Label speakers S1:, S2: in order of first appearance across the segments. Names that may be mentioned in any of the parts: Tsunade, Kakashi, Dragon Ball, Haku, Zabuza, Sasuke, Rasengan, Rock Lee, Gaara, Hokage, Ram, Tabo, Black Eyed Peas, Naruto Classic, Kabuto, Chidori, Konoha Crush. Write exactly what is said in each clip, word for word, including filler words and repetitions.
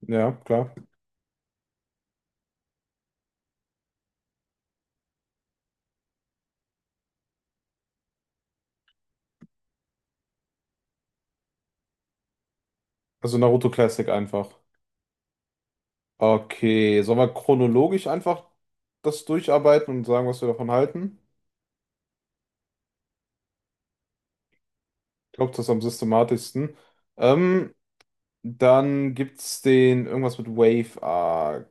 S1: Ja, klar. Also Naruto Classic einfach. Okay, sollen wir chronologisch einfach das durcharbeiten und sagen, was wir davon halten? Ich glaube, das ist am systematischsten. Ähm, Dann gibt's den irgendwas mit Wave Arc.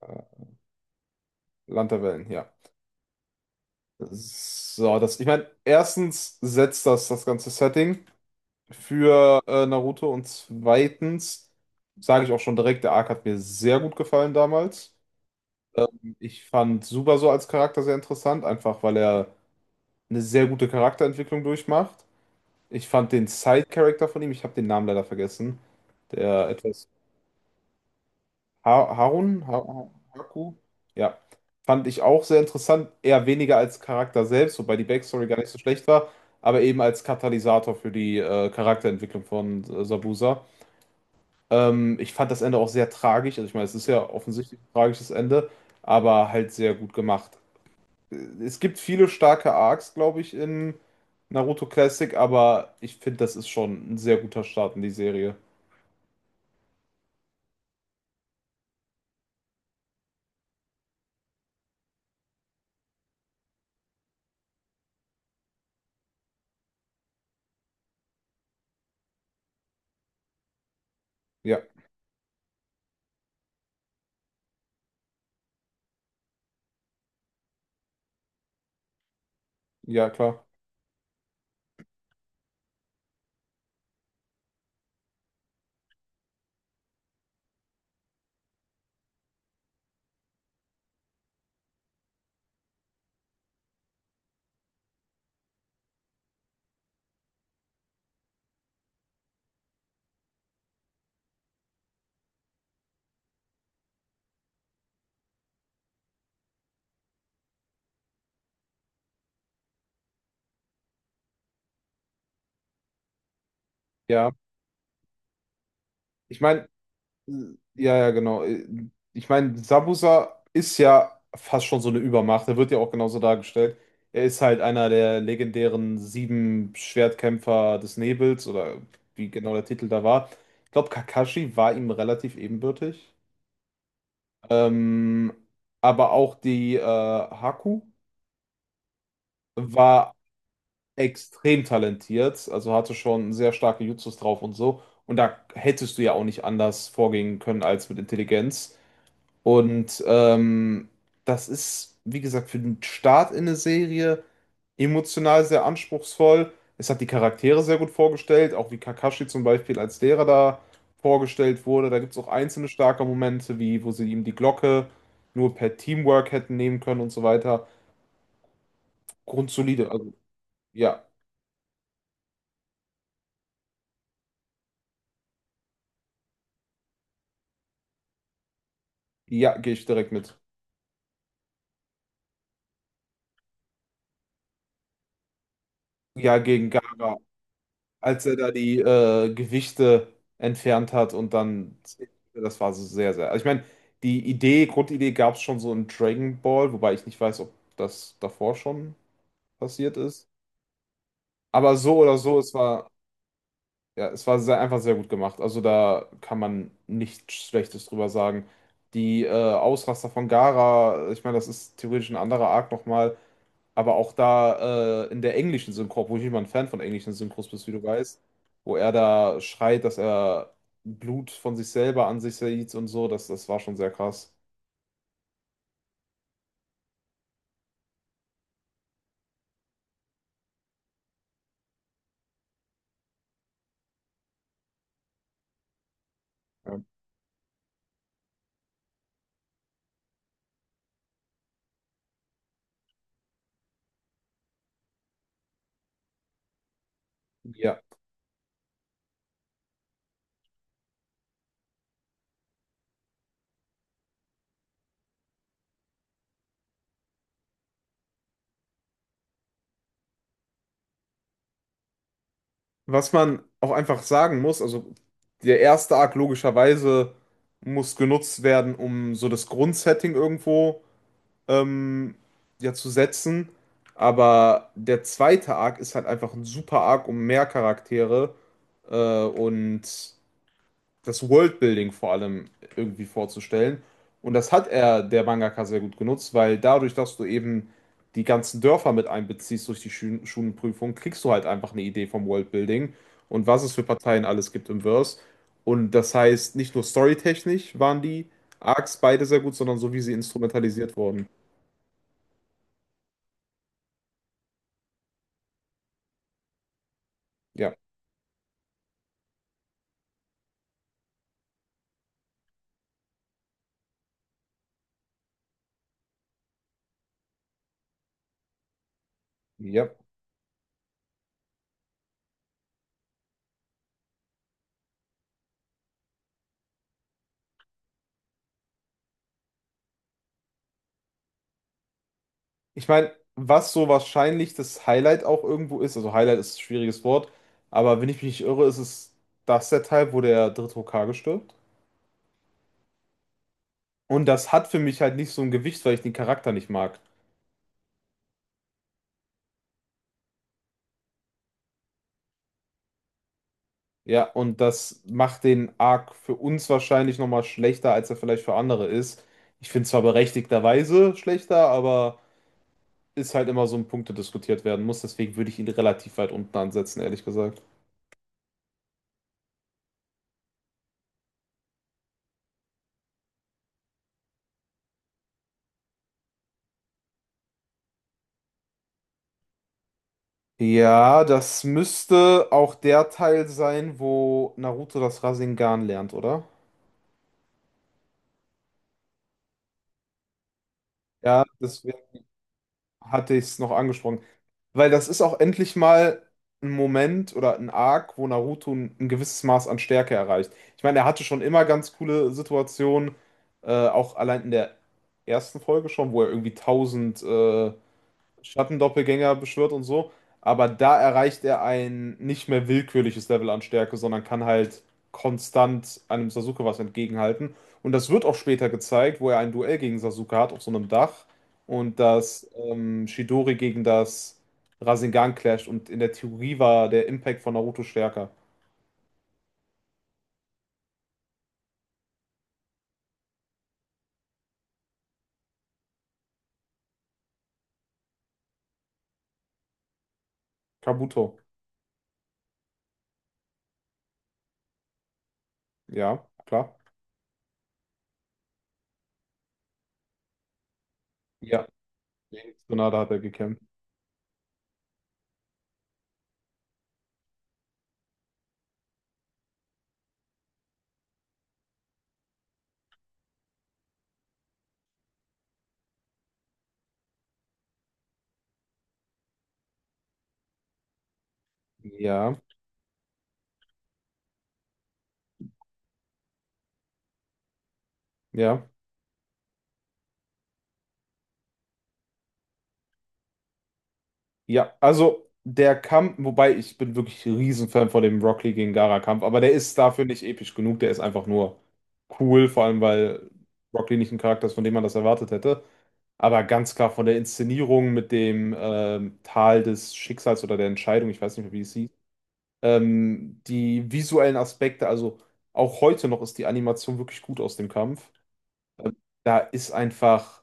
S1: Äh, Land der Wellen, ja. So, das, ich meine, erstens setzt das das ganze Setting für äh, Naruto und zweitens sage ich auch schon direkt, der Arc hat mir sehr gut gefallen damals. Ich fand Subaso als Charakter sehr interessant, einfach weil er eine sehr gute Charakterentwicklung durchmacht. Ich fand den Side-Character von ihm, ich habe den Namen leider vergessen, der etwas ha Harun, ha Ha- Haku, ja, fand ich auch sehr interessant, eher weniger als Charakter selbst, wobei die Backstory gar nicht so schlecht war, aber eben als Katalysator für die äh, Charakterentwicklung von äh, Sabusa. Ähm, ich fand das Ende auch sehr tragisch, also ich meine, es ist ja offensichtlich ein tragisches Ende, aber halt sehr gut gemacht. Äh, Es gibt viele starke Arcs, glaube ich, in Naruto Classic, aber ich finde, das ist schon ein sehr guter Start in die Serie. Ja, ja, klar. Ja, ich meine, ja, ja, genau. Äh, Ich meine, Zabuza ist ja fast schon so eine Übermacht. Er wird ja auch genauso dargestellt. Er ist halt einer der legendären sieben Schwertkämpfer des Nebels oder wie genau der Titel da war. Ich glaube, Kakashi war ihm relativ ebenbürtig. Ähm, aber auch die äh, Haku war extrem talentiert, also hatte schon sehr starke Jutsus drauf und so. Und da hättest du ja auch nicht anders vorgehen können als mit Intelligenz. Und ähm, das ist, wie gesagt, für den Start in eine Serie emotional sehr anspruchsvoll. Es hat die Charaktere sehr gut vorgestellt, auch wie Kakashi zum Beispiel als Lehrer da vorgestellt wurde. Da gibt es auch einzelne starke Momente, wie wo sie ihm die Glocke nur per Teamwork hätten nehmen können und so weiter. Grundsolide, also ja, ja, gehe ich direkt mit. Ja, gegen Gaga, als er da die äh, Gewichte entfernt hat und dann, das war so sehr, sehr. Also ich meine, die Idee, Grundidee gab es schon so in Dragon Ball, wobei ich nicht weiß, ob das davor schon passiert ist. Aber so oder so, es war, ja, es war sehr, einfach sehr gut gemacht. Also da kann man nichts Schlechtes drüber sagen. Die äh, Ausraster von Gaara, ich meine, das ist theoretisch ein anderer Arc nochmal. Aber auch da äh, in der englischen Synchro, obwohl ich nicht mal ein Fan von englischen Synchros bist, wie du weißt, wo er da schreit, dass er Blut von sich selber an sich sieht und so, das, das war schon sehr krass. Ja. Ja. Was man auch einfach sagen muss, also der erste Arc logischerweise muss genutzt werden, um so das Grundsetting irgendwo ähm, ja zu setzen. Aber der zweite Arc ist halt einfach ein super Arc, um mehr Charaktere äh, und das Worldbuilding vor allem irgendwie vorzustellen. Und das hat er, der Mangaka, sehr gut genutzt, weil dadurch, dass du eben die ganzen Dörfer mit einbeziehst durch die Schu- Schulenprüfung, kriegst du halt einfach eine Idee vom Worldbuilding und was es für Parteien alles gibt im Verse. Und das heißt, nicht nur storytechnisch waren die Arcs beide sehr gut, sondern so wie sie instrumentalisiert wurden. Ja, ja. Ich meine, was so wahrscheinlich das Highlight auch irgendwo ist, also Highlight ist ein schwieriges Wort, aber wenn ich mich nicht irre, ist es das der Teil, wo der dritte Hokage stirbt. Und das hat für mich halt nicht so ein Gewicht, weil ich den Charakter nicht mag. Ja, und das macht den Arc für uns wahrscheinlich nochmal schlechter, als er vielleicht für andere ist. Ich finde zwar berechtigterweise schlechter, aber ist halt immer so ein Punkt, der diskutiert werden muss. Deswegen würde ich ihn relativ weit unten ansetzen, ehrlich gesagt. Ja, das müsste auch der Teil sein, wo Naruto das Rasengan lernt, oder? Ja, deswegen hatte ich es noch angesprochen. Weil das ist auch endlich mal ein Moment oder ein Arc, wo Naruto ein, ein gewisses Maß an Stärke erreicht. Ich meine, er hatte schon immer ganz coole Situationen, äh, auch allein in der ersten Folge schon, wo er irgendwie tausend äh, Schattendoppelgänger beschwört und so. Aber da erreicht er ein nicht mehr willkürliches Level an Stärke, sondern kann halt konstant einem Sasuke was entgegenhalten. Und das wird auch später gezeigt, wo er ein Duell gegen Sasuke hat auf so einem Dach und das ähm, Chidori gegen das Rasengan clasht. Und in der Theorie war der Impact von Naruto stärker. Kabuto. Ja, klar. Ja. Gegen Tsunade hat er gekämpft. Ja, ja. Ja, also der Kampf, wobei ich bin wirklich Riesenfan von dem Rock Lee gegen Gaara-Kampf, aber der ist dafür nicht episch genug, der ist einfach nur cool, vor allem weil Rock Lee nicht ein Charakter ist, von dem man das erwartet hätte. Aber ganz klar von der Inszenierung mit dem ähm, Tal des Schicksals oder der Entscheidung, ich weiß nicht mehr, wie es hieß, ähm, die visuellen Aspekte, also auch heute noch ist die Animation wirklich gut aus dem Kampf. Da ist einfach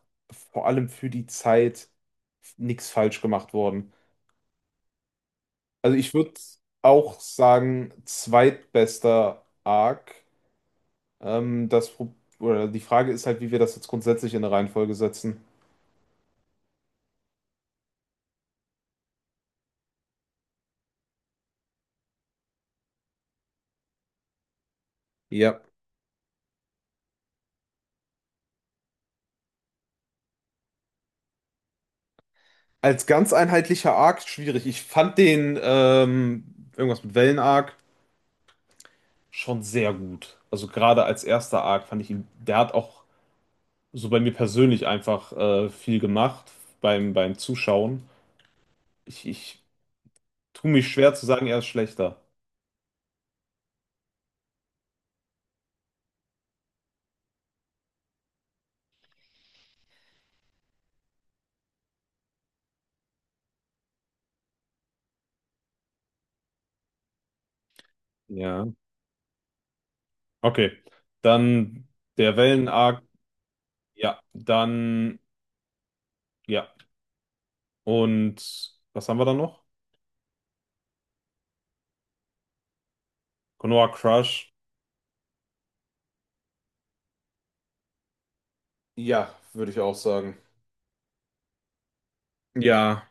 S1: vor allem für die Zeit nichts falsch gemacht worden. Also ich würde auch sagen, zweitbester Arc. Ähm, das, Pro- oder die Frage ist halt, wie wir das jetzt grundsätzlich in eine Reihenfolge setzen. Ja. Als ganz einheitlicher Arc schwierig. Ich fand den ähm, irgendwas mit Wellen-Arc schon sehr gut. Also gerade als erster Arc fand ich ihn, der hat auch so bei mir persönlich einfach äh, viel gemacht beim, beim Zuschauen. Ich, ich tue mich schwer zu sagen, er ist schlechter. Ja. Okay, dann der Wellen-Arc. Ja, dann, ja. Und was haben wir da noch? Konoha Crush. Ja, würde ich auch sagen. Ja,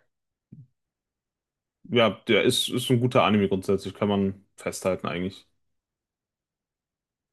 S1: ja, der ist, ist ein guter Anime grundsätzlich, kann man festhalten eigentlich.